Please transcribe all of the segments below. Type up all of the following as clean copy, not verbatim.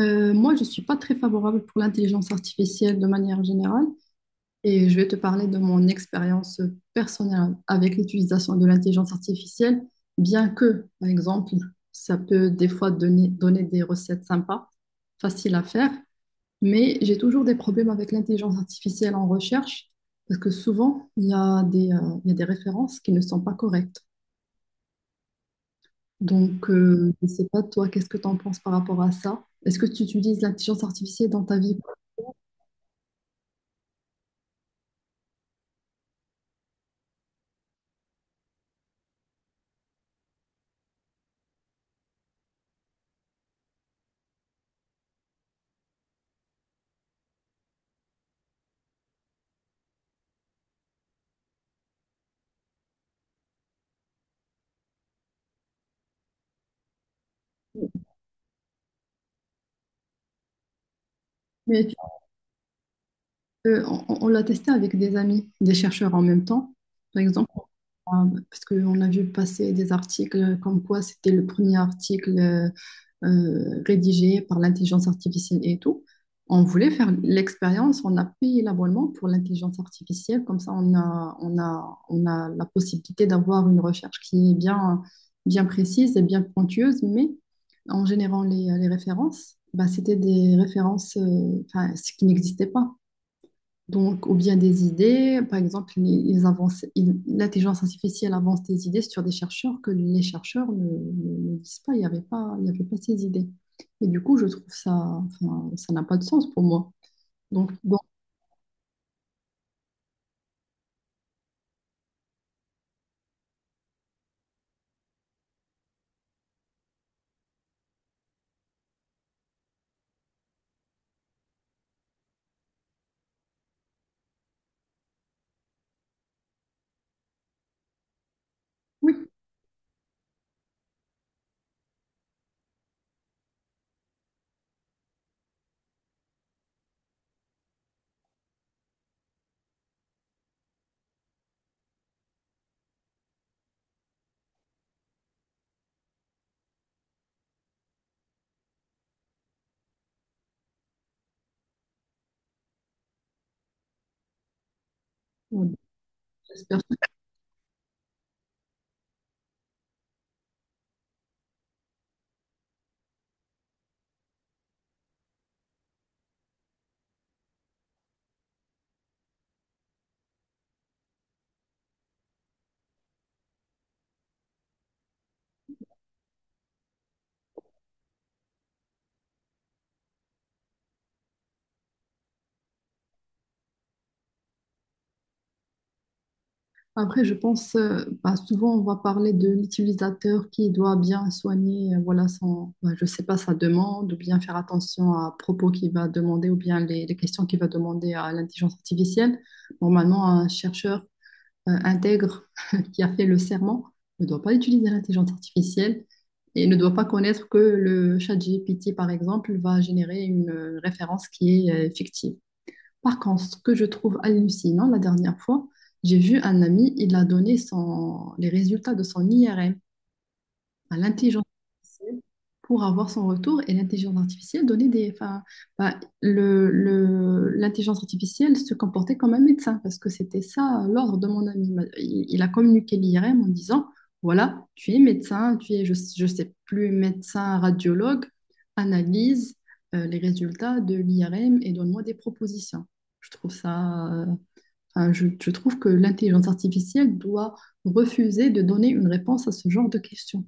Moi, je ne suis pas très favorable pour l'intelligence artificielle de manière générale et je vais te parler de mon expérience personnelle avec l'utilisation de l'intelligence artificielle, bien que, par exemple, ça peut des fois donner des recettes sympas, faciles à faire, mais j'ai toujours des problèmes avec l'intelligence artificielle en recherche parce que souvent, il y a il y a des références qui ne sont pas correctes. Donc, je ne sais pas, toi, qu'est-ce que tu en penses par rapport à ça? Est-ce que tu utilises l'intelligence artificielle dans ta vie? Mais tu peux- on l'a testé avec des amis, des chercheurs en même temps. Par exemple, on a- parce qu'on a vu passer des articles comme quoi c'était le premier article rédigé par l'intelligence artificielle et tout. On voulait faire l'expérience, on a payé l'abonnement pour l'intelligence artificielle, comme ça on a la possibilité d'avoir une recherche qui est bien précise et bien pointueuse, mais en générant les références, bah, c'était des références enfin, ce qui n'existait pas. Donc, ou bien des idées, par exemple, ils avancent, ils- l'intelligence artificielle avance des idées sur des chercheurs que les chercheurs ne disent pas, il n'y avait pas ces idées. Et du coup, je trouve ça, enfin, ça n'a pas de sens pour moi. Donc, bon, oui, on- j'espère. Après, je pense, bah, souvent, on va parler de l'utilisateur qui doit bien soigner, voilà, son, bah, je sais pas, sa demande, ou bien faire attention à propos qu'il va demander, ou bien les questions qu'il va demander à l'intelligence artificielle. Normalement, un chercheur intègre qui a fait le serment ne doit pas utiliser l'intelligence artificielle et ne doit pas connaître que le chat GPT, par exemple, va générer une référence qui est fictive. Par contre, ce que je trouve hallucinant, la dernière fois, j'ai vu un ami, il a donné son- les résultats de son IRM à l'intelligence artificielle pour avoir son retour et l'intelligence artificielle donnait des... Enfin, bah, l'intelligence artificielle se comportait comme un médecin parce que c'était ça l'ordre de mon ami. Bah, Il a communiqué l'IRM en disant, voilà, tu es médecin, tu es, je sais plus, médecin, radiologue, analyse les résultats de l'IRM et donne-moi des propositions. Je trouve ça... enfin, je trouve que l'intelligence artificielle doit refuser de donner une réponse à ce genre de questions.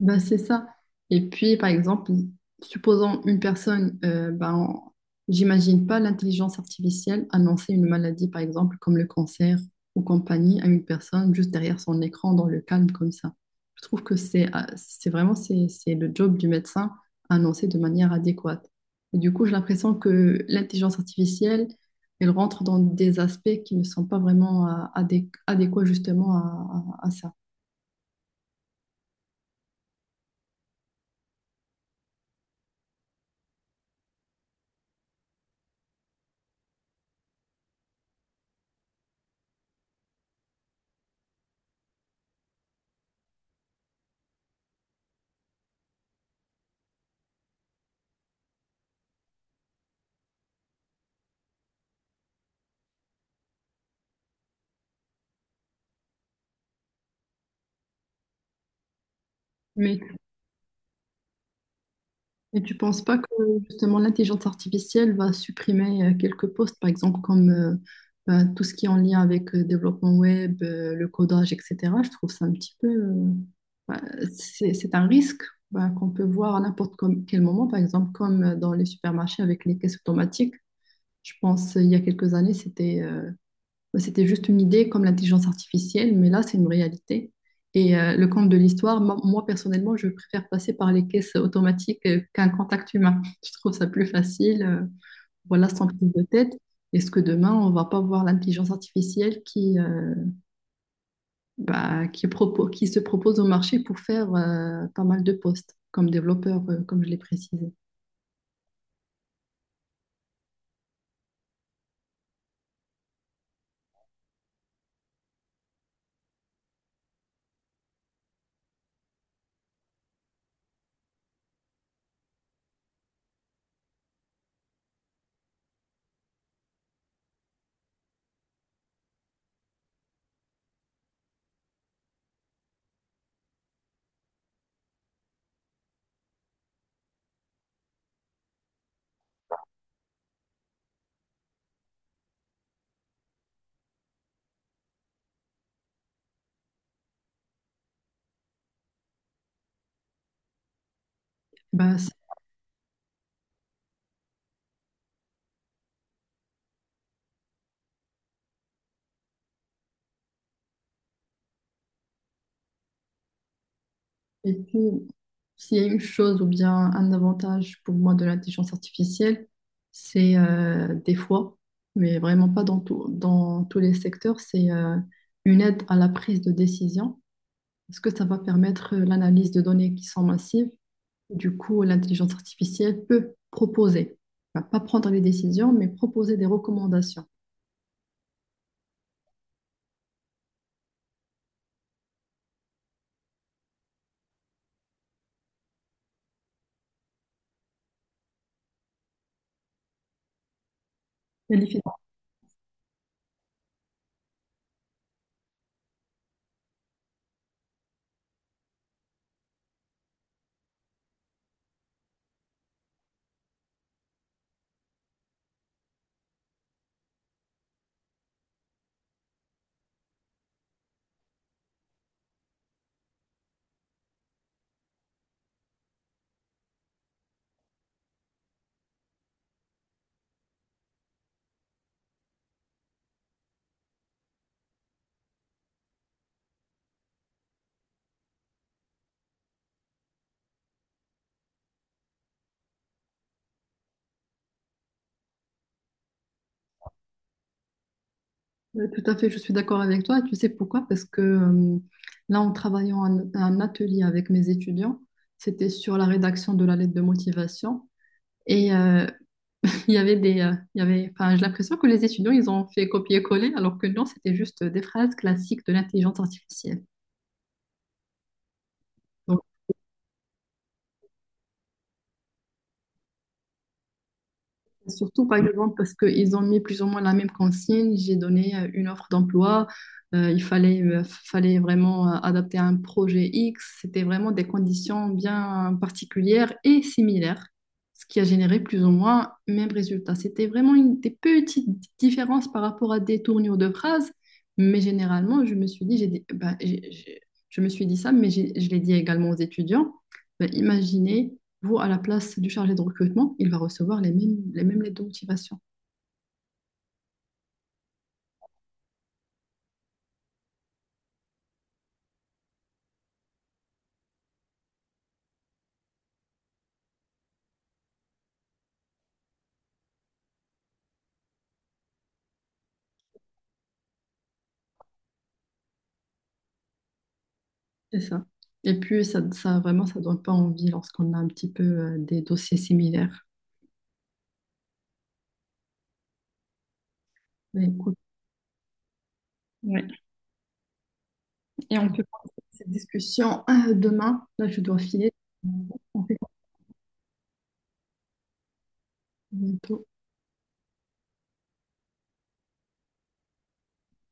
Ben, c'est ça. Et puis, par exemple, supposons une personne, ben, j'imagine pas l'intelligence artificielle annoncer une maladie, par exemple, comme le cancer ou compagnie, à une personne juste derrière son écran, dans le calme, comme ça. Je trouve que c'est vraiment c'est le job du médecin à annoncer de manière adéquate. Et du coup, j'ai l'impression que l'intelligence artificielle, elle rentre dans des aspects qui ne sont pas vraiment adé- adéquats justement à ça. Mais et tu penses pas que justement l'intelligence artificielle va supprimer quelques postes, par exemple comme ben, tout ce qui est en lien avec le développement web, le codage, etc. Je trouve ça un petit peu... ben, c'est un risque ben, qu'on peut voir à n'importe com- quel moment, par exemple comme dans les supermarchés avec les caisses automatiques. Je pense il y a quelques années, c'était bah, c'était juste une idée comme l'intelligence artificielle, mais là, c'est une réalité. Et le compte de l'histoire, personnellement, je préfère passer par les caisses automatiques qu'un contact humain. Je trouve ça plus facile, voilà, sans prise de tête. Est-ce que demain, on va pas voir l'intelligence artificielle qui, bah, qui, propo- qui se propose au marché pour faire pas mal de postes comme développeur, comme je l'ai précisé? Bah, et puis, s'il y a une chose ou bien un avantage pour moi de l'intelligence artificielle, c'est des fois, mais vraiment pas dans tout- dans tous les secteurs, c'est une aide à la prise de décision. Parce que ça va permettre l'analyse de données qui sont massives. Du coup, l'intelligence artificielle peut proposer, va pas prendre les décisions, mais proposer des recommandations. Ouais, tout à fait, je suis d'accord avec toi. Et tu sais pourquoi? Parce que là, en travaillant un atelier avec mes étudiants, c'était sur la rédaction de la lettre de motivation. Et il y avait il y avait, enfin, j'ai l'impression que les étudiants, ils ont fait copier-coller, alors que non, c'était juste des phrases classiques de l'intelligence artificielle. Surtout, par exemple, parce qu'ils ont mis plus ou moins la même consigne. J'ai donné une offre d'emploi. Il fallait vraiment adapter à un projet X. C'était vraiment des conditions bien particulières et similaires, ce qui a généré plus ou moins le même résultat. C'était vraiment une, des petites différences par rapport à des tournures de phrases. Mais généralement, je me suis dit, j'ai dit- bah, j'ai- je me suis dit ça, mais je l'ai dit également aux étudiants. Bah, imaginez vous, à la place du chargé de recrutement, il va recevoir les mêmes lettres de motivation. C'est ça. Et puis, ça ne donne pas envie lorsqu'on a un petit peu des dossiers similaires. Mais écoute, ouais. Et on peut prendre cette discussion. Ah, demain, là, je dois filer. On fait bientôt.